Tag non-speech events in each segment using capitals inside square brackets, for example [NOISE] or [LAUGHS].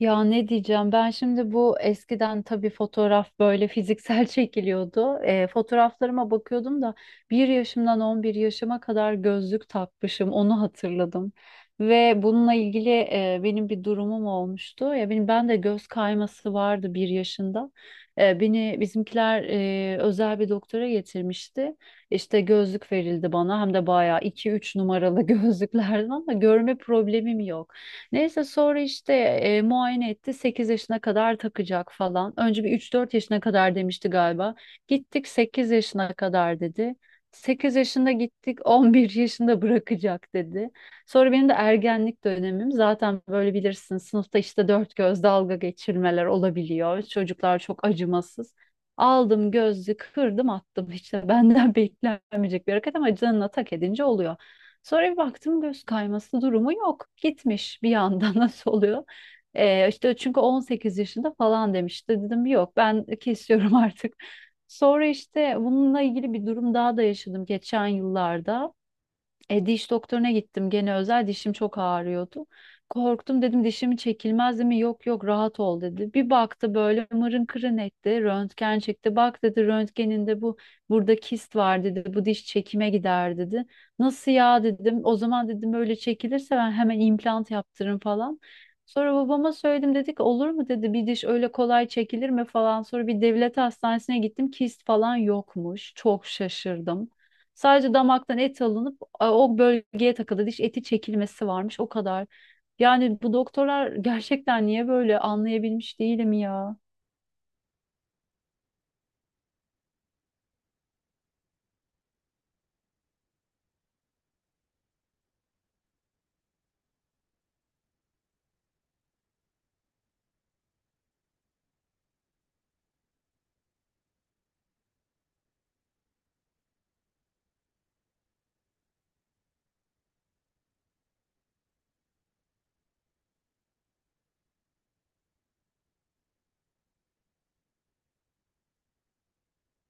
Ya ne diyeceğim ben şimdi bu eskiden tabii fotoğraf böyle fiziksel [LAUGHS] çekiliyordu. Fotoğraflarıma bakıyordum da bir yaşımdan 11 yaşıma kadar gözlük takmışım onu hatırladım. Ve bununla ilgili benim bir durumum olmuştu. Ya ben de göz kayması vardı bir yaşında. Beni bizimkiler özel bir doktora getirmişti. İşte gözlük verildi bana hem de bayağı iki üç numaralı [LAUGHS] gözlüklerden ama görme problemim yok. Neyse sonra işte muayene etti. Sekiz yaşına kadar takacak falan. Önce bir üç dört yaşına kadar demişti galiba. Gittik 8 yaşına kadar dedi. 8 yaşında gittik, [LAUGHS] 11 yaşında bırakacak dedi. Sonra benim de ergenlik dönemim zaten, böyle bilirsin, sınıfta işte dört göz dalga geçirmeler olabiliyor. Çocuklar çok acımasız. Aldım gözlüğü kırdım attım, işte benden [LAUGHS] beklenmeyecek bir hareket ama canına tak edince oluyor. Sonra bir baktım göz kayması durumu yok. Gitmiş bir anda. [LAUGHS] Nasıl oluyor? İşte çünkü 18 yaşında falan demişti. Dedim yok, ben kesiyorum [LAUGHS] artık. Sonra işte bununla ilgili bir durum daha da yaşadım geçen yıllarda. Diş doktoruna gittim gene özel, dişim çok ağrıyordu. Korktum, dedim dişimi çekilmez değil mi? Yok yok, rahat ol dedi. Bir baktı, böyle mırın kırın etti. Röntgen çekti. Bak dedi, röntgeninde bu burada kist var dedi. Bu diş çekime gider dedi. Nasıl ya dedim. O zaman dedim öyle çekilirse ben hemen implant yaptırırım falan. Sonra babama söyledim, dedik olur mu dedi, bir diş öyle kolay çekilir mi falan. Sonra bir devlet hastanesine gittim, kist falan yokmuş. Çok şaşırdım. Sadece damaktan et alınıp o bölgeye takıldı, diş eti çekilmesi varmış, o kadar. Yani bu doktorlar [LAUGHS] gerçekten niye böyle, anlayabilmiş değilim ya.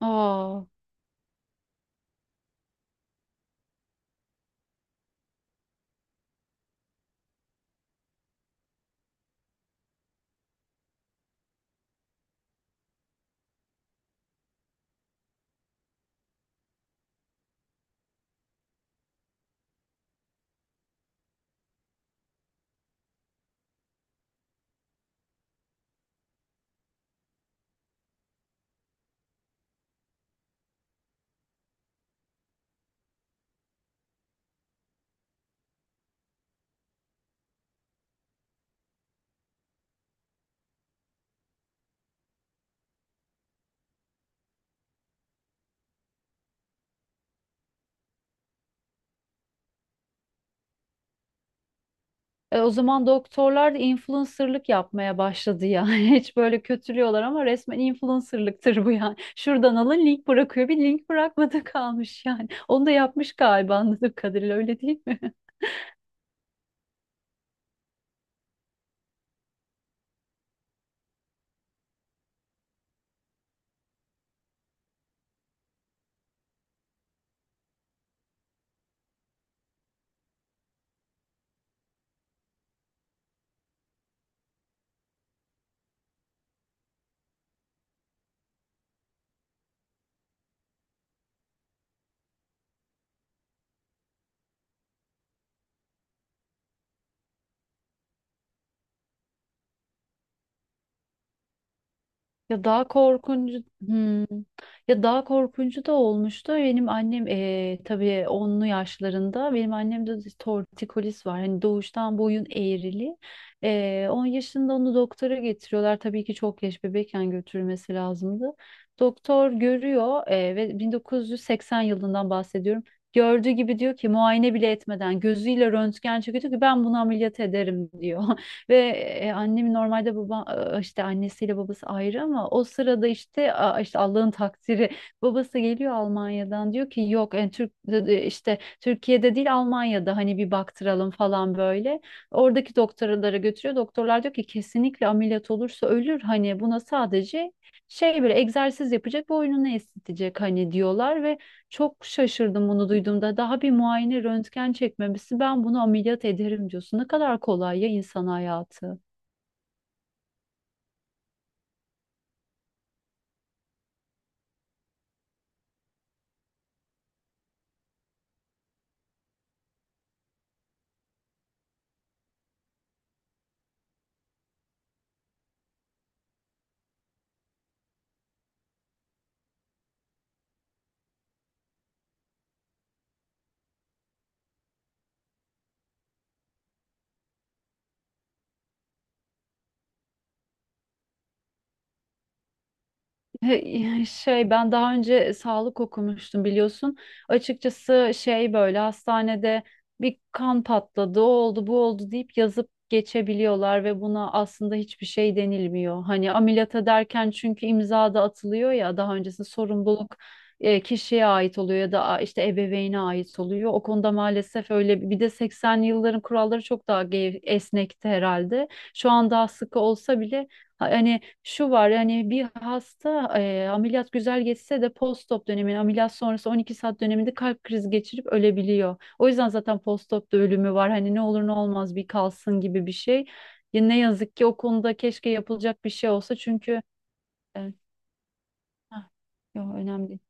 Aa. O zaman doktorlar da influencerlık yapmaya başladı ya. [LAUGHS] Hiç böyle kötülüyorlar ama resmen influencerlıktır bu yani. Şuradan alın, link bırakıyor. Bir link bırakmadı [LAUGHS] kalmış yani. Onu da yapmış galiba, anladığım kadarıyla öyle değil mi? Ya daha korkuncu Hmm. Ya daha korkuncu da olmuştu. Benim annem tabii onlu yaşlarında, benim annemde de tortikolis var. Hani doğuştan boyun eğrili. 10 yaşında onu doktora getiriyorlar. Tabii ki çok yaş bebekken götürülmesi lazımdı. Doktor görüyor, ve 1980 yılından bahsediyorum. Gördüğü gibi diyor ki, muayene bile etmeden gözüyle röntgen çekiyor, diyor ki ben bunu ameliyat ederim diyor. [LAUGHS] Ve annem normalde işte annesiyle babası ayrı ama o sırada işte Allah'ın takdiri babası geliyor Almanya'dan, diyor ki yok yani işte Türkiye'de değil Almanya'da hani bir baktıralım falan böyle. Oradaki doktorlara götürüyor. Doktorlar diyor ki kesinlikle ameliyat olursa ölür, hani buna sadece şey, böyle egzersiz yapacak, boynunu esnetecek hani diyorlar, ve çok şaşırdım bunu duyduğumda. Daha bir muayene röntgen çekmemesi, ben bunu ameliyat ederim diyorsun. Ne kadar kolay ya insan hayatı. Şey, ben daha önce sağlık okumuştum biliyorsun. Açıkçası şey, böyle hastanede bir kan patladı, o oldu, bu oldu deyip yazıp geçebiliyorlar ve buna aslında hiçbir şey denilmiyor. Hani ameliyat ederken çünkü imza da atılıyor ya, daha öncesi sorumluluk kişiye ait oluyor ya da işte ebeveyne ait oluyor. O konuda maalesef öyle bir de 80'li yılların kuralları çok daha esnekti herhalde. Şu an daha sıkı olsa bile hani şu var yani, bir hasta ameliyat güzel geçse de post-op dönemini, ameliyat sonrası 12 saat döneminde kalp krizi geçirip ölebiliyor. O yüzden zaten post-op da ölümü var. Hani ne olur ne olmaz bir kalsın gibi bir şey. Ya ne yazık ki o konuda keşke yapılacak bir şey olsa çünkü e, hah, yo, önemli.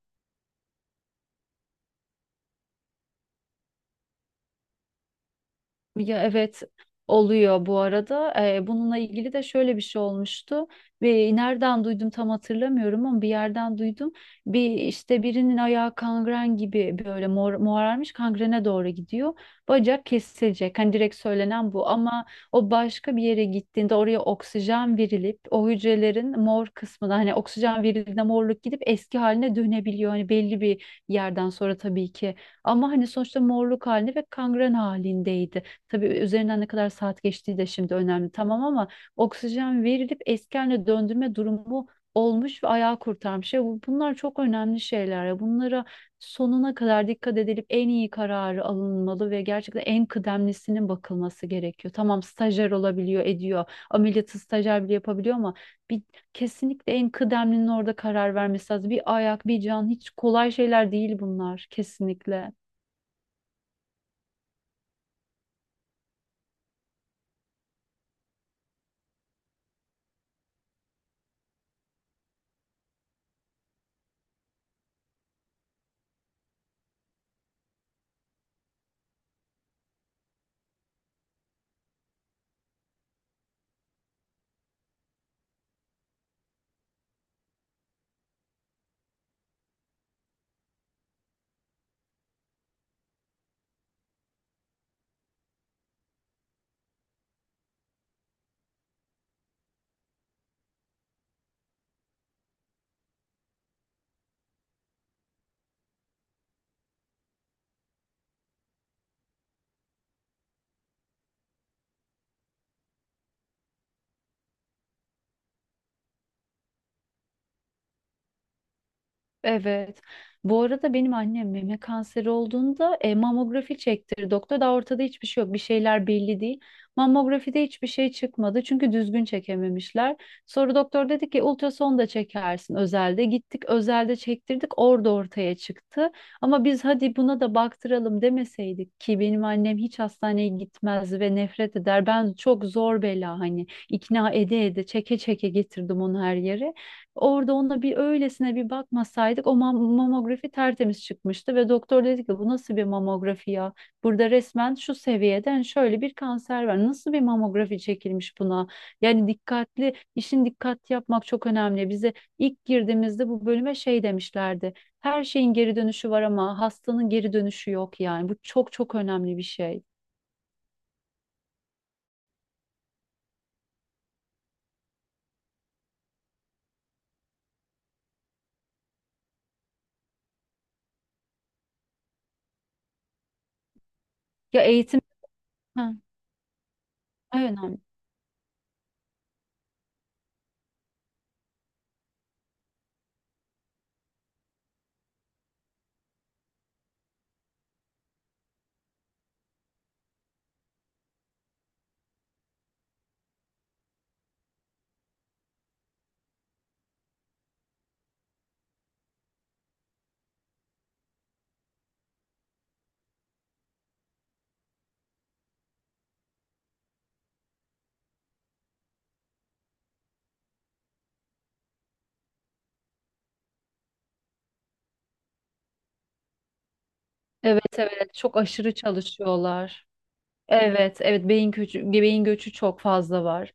Ya evet, oluyor bu arada. Bununla ilgili de şöyle bir şey olmuştu. Ve nereden duydum tam hatırlamıyorum ama bir yerden duydum. Bir işte, birinin ayağı kangren gibi, böyle morarmış kangrene doğru gidiyor. Bacak kesilecek, hani direkt söylenen bu, ama o başka bir yere gittiğinde oraya oksijen verilip, o hücrelerin mor kısmına hani oksijen verildiğinde morluk gidip eski haline dönebiliyor. Hani belli bir yerden sonra tabii ki. Ama hani sonuçta morluk halinde ve kangren halindeydi. Tabii üzerinden ne kadar saat geçtiği de şimdi önemli, tamam, ama oksijen verilip eski haline döndürme durumu olmuş ve ayağı kurtarmış. Ya bunlar çok önemli şeyler ya. Bunlara sonuna kadar dikkat edilip en iyi kararı alınmalı ve gerçekten en kıdemlisinin bakılması gerekiyor. Tamam, stajyer olabiliyor, ediyor. Ameliyatı stajyer bile yapabiliyor ama bir, kesinlikle en kıdemlinin orada karar vermesi lazım. Bir ayak, bir can hiç kolay şeyler değil bunlar, kesinlikle. Evet. Bu arada benim annem meme kanseri olduğunda mamografi çektirdi doktor. Daha ortada hiçbir şey yok. Bir şeyler belli değil. Mamografide hiçbir şey çıkmadı, çünkü düzgün çekememişler. Sonra doktor dedi ki, ultrason da çekersin özelde. Gittik özelde çektirdik. Orada ortaya çıktı. Ama biz hadi buna da baktıralım demeseydik, ki benim annem hiç hastaneye gitmez ve nefret eder. Ben çok zor bela hani, ikna ede ede, çeke çeke getirdim onu her yere. Orada ona bir öylesine bir bakmasaydık o mamografi tertemiz çıkmıştı ve doktor dedi ki bu nasıl bir mamografi ya? Burada resmen şu seviyeden şöyle bir kanser var. Nasıl bir mamografi çekilmiş buna? Yani dikkatli, işin dikkat yapmak çok önemli. Bize ilk girdiğimizde bu bölüme şey demişlerdi. Her şeyin geri dönüşü var ama hastanın geri dönüşü yok yani. Bu çok çok önemli bir şey. Ya eğitim, ha, önemli. Evet evet, çok aşırı çalışıyorlar. Evet, evet, beyin göçü, beyin göçü çok fazla var.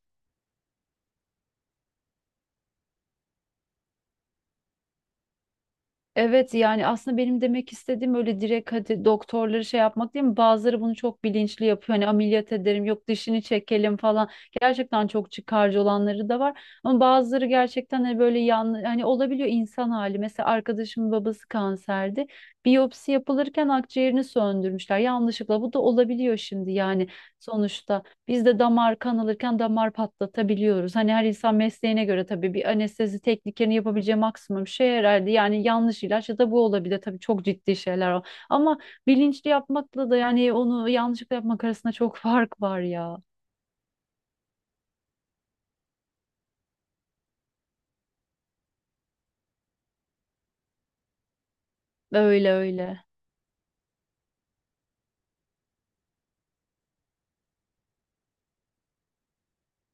Evet, yani aslında benim demek istediğim öyle direkt hadi doktorları şey yapmak değil mi? Bazıları bunu çok bilinçli yapıyor. Hani ameliyat ederim, yok dişini çekelim falan. Gerçekten çok çıkarcı olanları da var. Ama bazıları gerçekten hani böyle hani olabiliyor, insan hali. Mesela arkadaşımın babası kanserdi. Biyopsi yapılırken akciğerini söndürmüşler yanlışlıkla. Bu da olabiliyor şimdi yani, sonuçta. Biz de damar kan alırken damar patlatabiliyoruz. Hani her insan mesleğine göre tabii bir anestezi tekniklerini yapabileceği maksimum şey herhalde. Yani yanlış ilaç ya da bu olabilir. Tabii çok ciddi şeyler o. Ama bilinçli yapmakla da, yani onu yanlışlıkla yapmak arasında çok [LAUGHS] fark var ya. Öyle öyle.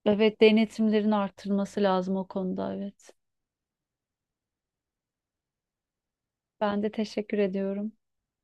Evet, denetimlerin artırılması lazım o konuda, evet. Ben de teşekkür ediyorum.